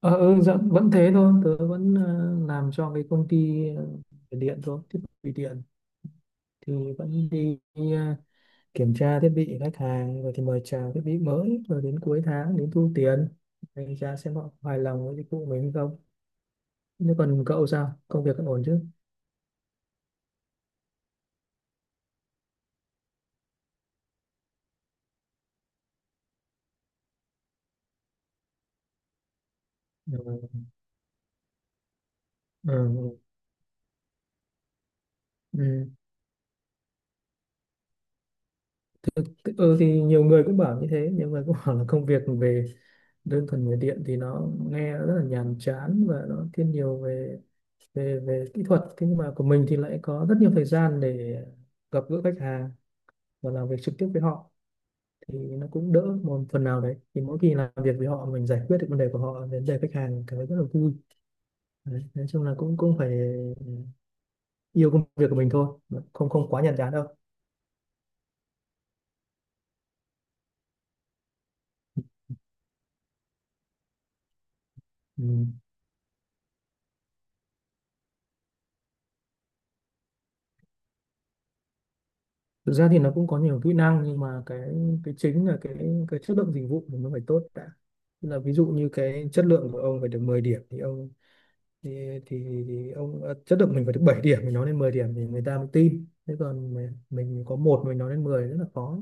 Ờ, ừ, dạ, vẫn thế thôi, tớ vẫn làm cho cái công ty về điện thôi, thiết bị điện thì vẫn đi kiểm tra thiết bị khách hàng rồi thì mời chào thiết bị mới rồi đến cuối tháng đến thu tiền, đánh giá xem họ hài lòng với dịch vụ mình không. Nếu còn cậu sao? Công việc vẫn ổn chứ? Ừ. Ừ. Ừ. Ừ, thì nhiều người cũng bảo như thế, nhiều người cũng bảo là công việc về đơn thuần về điện thì nó nghe rất là nhàm chán, và nó thiên nhiều về về về kỹ thuật, thế nhưng mà của mình thì lại có rất nhiều thời gian để gặp gỡ khách hàng và làm việc trực tiếp với họ, thì nó cũng đỡ một phần nào đấy. Thì mỗi khi làm việc với họ mình giải quyết được vấn đề của họ, vấn đề khách hàng cảm thấy rất là vui đấy. Nói chung là cũng cũng phải yêu công việc của mình thôi, không không quá nhàm chán đâu. Ừ. Thực ra thì nó cũng có nhiều kỹ năng, nhưng mà cái chính là cái chất lượng dịch vụ của nó phải tốt đã. Tức là ví dụ như cái chất lượng của ông phải được 10 điểm, thì, thì ông à, chất lượng mình phải được 7 điểm, mình nói lên 10 điểm thì người ta mới tin, thế còn mình có một mình nói lên 10 rất là khó.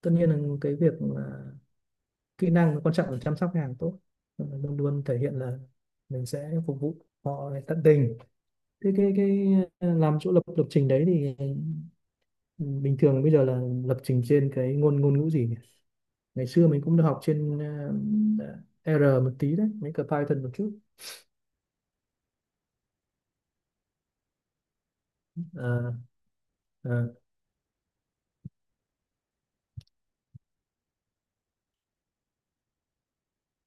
Tất nhiên là cái việc mà kỹ năng quan trọng là chăm sóc khách hàng tốt, luôn luôn thể hiện là mình sẽ phục vụ họ tận tình. Thế làm chỗ lập lập trình đấy thì, ừ, bình thường bây giờ là lập trình trên cái ngôn ngôn ngữ gì nhỉ? Ngày xưa mình cũng được học trên, R một tí đấy, mấy cái Python một chút. À, à,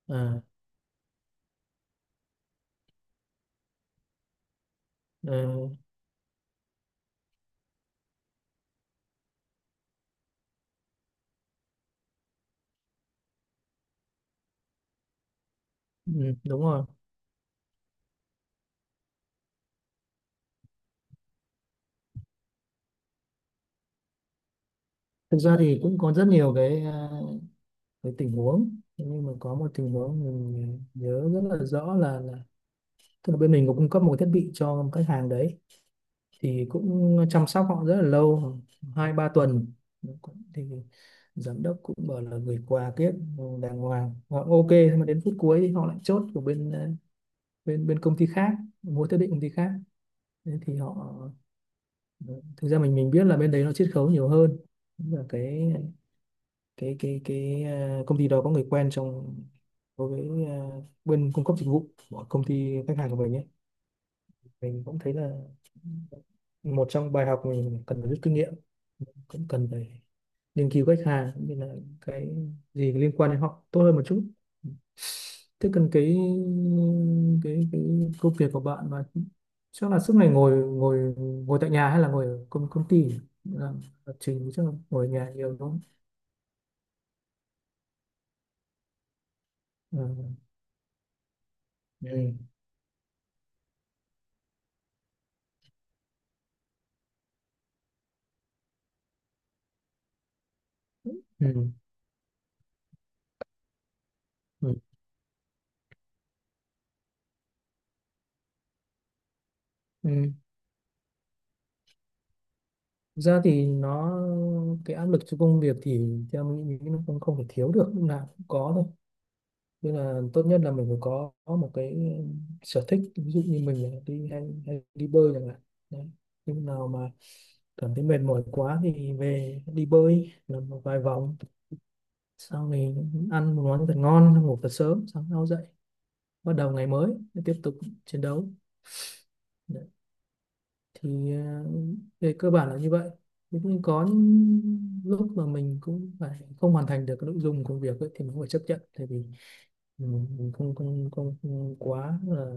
à, à, ừ, đúng rồi. Thực ra thì cũng có rất nhiều cái tình huống. Thế nhưng mà có một tình huống mình nhớ rất là rõ, là tức là bên mình có cung cấp một cái thiết bị cho khách hàng đấy, thì cũng chăm sóc họ rất là lâu, hai ba tuần, thì giám đốc cũng bảo là gửi quà kiếp đàng hoàng, họ ok nhưng mà đến phút cuối thì họ lại chốt của bên à, bên bên công ty khác, mua thiết bị công ty khác. Thế thì họ, thực ra mình biết là bên đấy nó chiết khấu nhiều hơn, và công ty đó có người quen trong, đối với bên cung cấp dịch vụ của công ty khách hàng của mình ấy. Mình cũng thấy là một trong bài học mình cần phải rút kinh nghiệm, cũng cần phải nghiên cứu khách hàng cũng như là cái gì liên quan đến họ tốt hơn một chút. Thế cần cái công việc của bạn mà chắc là suốt ngày ngồi ngồi ngồi tại nhà, hay là ngồi ở công công ty làm lập trình, chắc là ngồi ở nhà nhiều đúng không? Ừ. Ừ. Ừ. Ừ. Thực ra thì nó, cái áp lực cho công việc thì theo mình nghĩ nó không không thể thiếu được, lúc nào cũng có thôi, nên là tốt nhất là mình phải có một cái sở thích, ví dụ như mình là đi hay đi bơi chẳng hạn. Đấy. Lúc nào mà cảm thấy mệt mỏi quá thì về đi bơi làm một vài vòng, xong thì ăn một món thật ngon, xong ngủ thật sớm, sáng sau dậy bắt đầu ngày mới tiếp tục chiến đấu. Thì về cơ bản là như vậy. Cũng có những lúc mà mình cũng phải không hoàn thành được cái nội dung công việc ấy, thì mình cũng phải chấp nhận, tại vì mình không, không không không quá là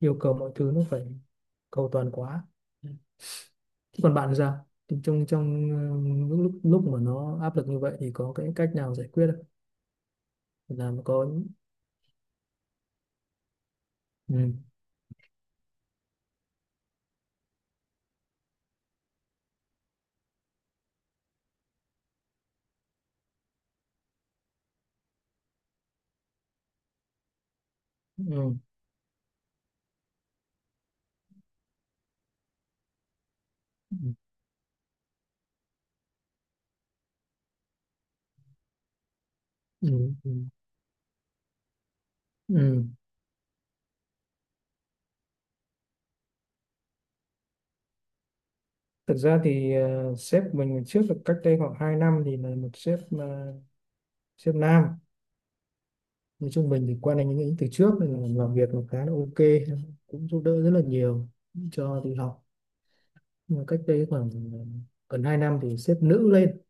yêu cầu mọi thứ nó phải cầu toàn quá. Thế còn bạn thì sao, thì trong trong lúc lúc lúc mà nó áp lực như vậy thì có cái cách nào giải quyết không, làm có? Ừ. Ừ. Ừ. Ừ. Ừ. Ừ. Thực ra thì sếp của mình trước là cách đây khoảng 2 năm, thì là một sếp mà, sếp nam, nói chung mình thì quen anh ấy từ trước nên là làm việc nó khá là ok, cũng giúp đỡ rất là nhiều, cho đi học. Nhưng mà cách đây khoảng gần 2 năm thì xếp nữ lên,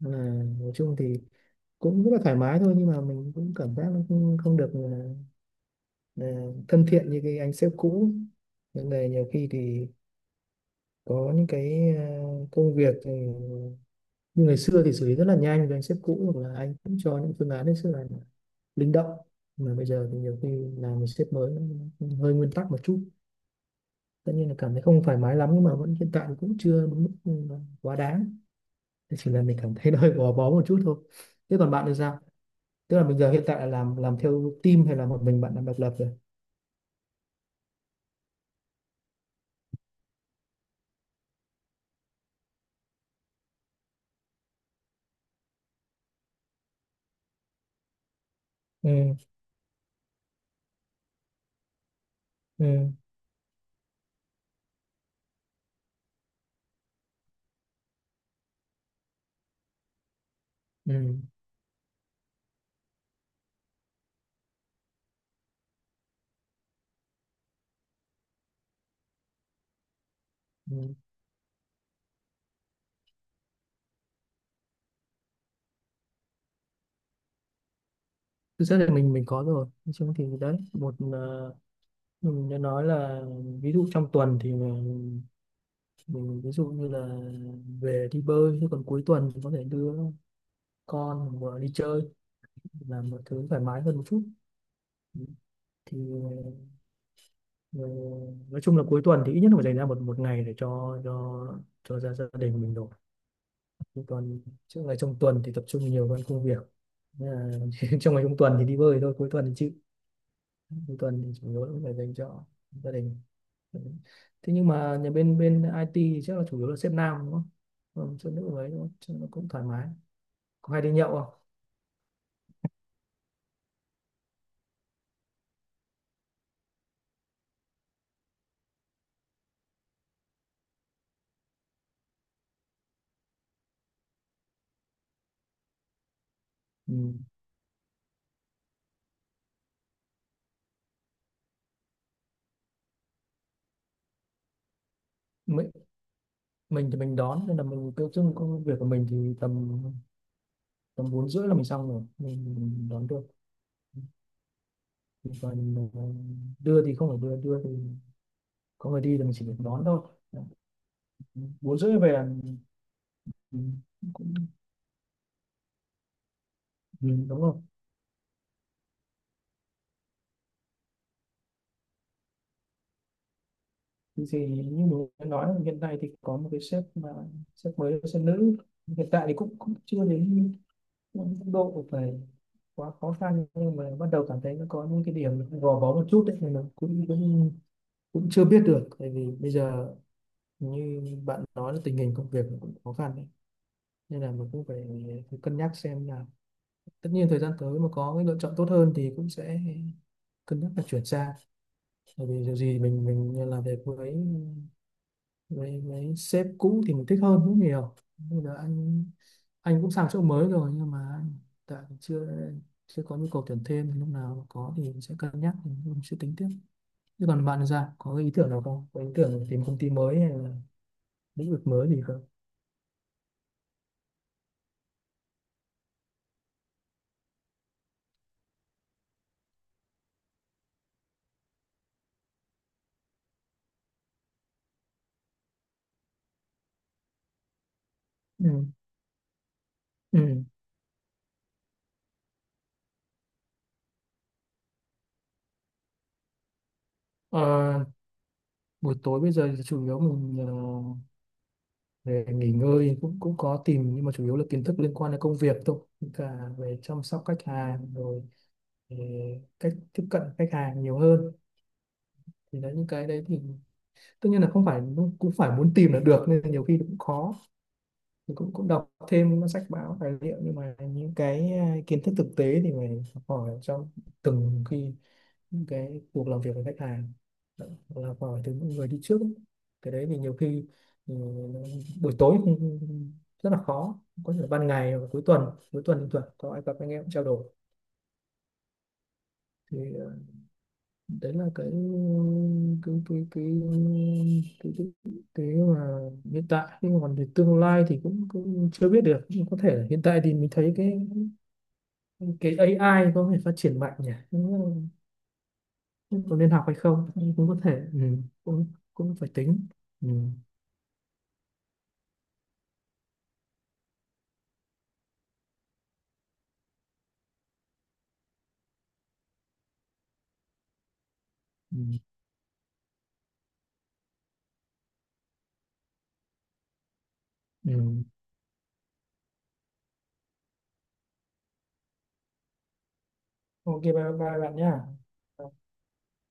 là nói chung thì cũng rất là thoải mái thôi, nhưng mà mình cũng cảm giác nó không được, ờ, thân thiện như cái anh sếp cũ, nên là nhiều khi thì có những cái công việc thì như ngày xưa thì xử lý rất là nhanh với anh sếp cũ, hoặc là anh cũng cho những phương án hết sức là linh động, mà bây giờ thì nhiều khi làm một sếp mới, nó hơi nguyên tắc một chút, tất nhiên là cảm thấy không thoải mái lắm, nhưng mà vẫn, hiện tại cũng chưa đến mức quá đáng. Thế chỉ là mình cảm thấy nó hơi gò bó một chút thôi. Thế còn bạn thì sao, tức là bây giờ hiện tại là làm theo team hay là một mình bạn làm độc lập rồi? Ừ. Ừ. Ừ. Ừ. Thực ra thì mình có rồi, nói chung thì đấy một, mình đã nói là, ví dụ trong tuần thì mình ví dụ như là về đi bơi, chứ còn cuối tuần có thể đưa con vừa đi chơi, là một thứ thoải mái hơn một chút. Ừ. Thì ờ, nói chung là cuối tuần thì ít nhất là phải dành ra một một ngày để cho gia gia đình mình rồi, chứ còn trước ngày trong tuần thì tập trung nhiều hơn công việc. Nên là, trong ngày trong tuần thì đi bơi thôi, cuối tuần thì chịu, cuối tuần thì chủ yếu là cũng phải dành cho gia đình. Ừ. Thế nhưng mà nhà bên bên IT thì chắc là chủ yếu là sếp nam đúng không, còn sếp nữ ấy đúng không cho nó cũng thoải mái, có hay đi nhậu không? Ừ. Mấy, mình thì mình đón, nên là mình tiêu dưng công việc của mình thì tầm tầm bốn rưỡi là mình xong rồi mình đón được, còn đưa thì không phải đưa đưa thì có người đi, thì mình chỉ được đón thôi. Bốn rưỡi về là mình cũng, ừ, đúng không? Thì như mình đã nói, hiện nay thì có một cái sếp mà sếp mới là sếp nữ, hiện tại thì cũng cũng chưa đến mức độ phải quá khó khăn, nhưng mà bắt đầu cảm thấy nó có những cái điểm gò bó một chút đấy, thì mình cũng cũng cũng chưa biết được, tại vì bây giờ như bạn nói là tình hình công việc cũng khó khăn đấy. Nên là mình cũng phải cân nhắc xem là, tất nhiên thời gian tới mà có cái lựa chọn tốt hơn thì cũng sẽ cân nhắc là chuyển sang, bởi vì dù gì mình làm việc với với sếp cũ thì mình thích hơn rất nhiều. Bây giờ anh cũng sang chỗ mới rồi, nhưng mà anh tại chưa, chưa có nhu cầu tuyển thêm, lúc nào mà có thì mình sẽ cân nhắc, mình sẽ tính tiếp. Chứ còn bạn thì sao, có cái ý tưởng nào không, có ý tưởng tìm công ty mới hay là lĩnh vực mới gì không? Ừ. Ừ. Ờ, buổi tối bây giờ thì chủ yếu mình về nghỉ ngơi, cũng cũng có tìm, nhưng mà chủ yếu là kiến thức liên quan đến công việc thôi. Với cả về chăm sóc khách hàng, rồi về cách tiếp cận khách hàng nhiều hơn, thì đấy những cái đấy thì tất nhiên là không phải cũng phải muốn tìm là được, nên là nhiều khi cũng khó. Thì cũng cũng đọc thêm các sách báo tài liệu, nhưng mà những cái kiến thức thực tế thì phải học hỏi trong từng khi những cái cuộc làm việc với khách hàng, hoặc là hỏi từ những người đi trước ấy. Cái đấy thì nhiều khi, ừ, buổi tối cũng rất là khó, có thể là ban ngày hoặc cuối tuần, cuối tuần thì tuần có ai gặp anh em trao đổi. Thì đấy là cái cái cái cái, cái, cái mà hiện tại, nhưng mà còn về tương lai thì cũng chưa biết được, nhưng có thể là hiện tại thì mình thấy cái AI có thể phát triển mạnh nhỉ, có nên học hay không, cũng cũng có thể. Ừ. cũng cũng phải tính. Ừ. Ừ. Ừ. Ok, bye bye bạn nhá.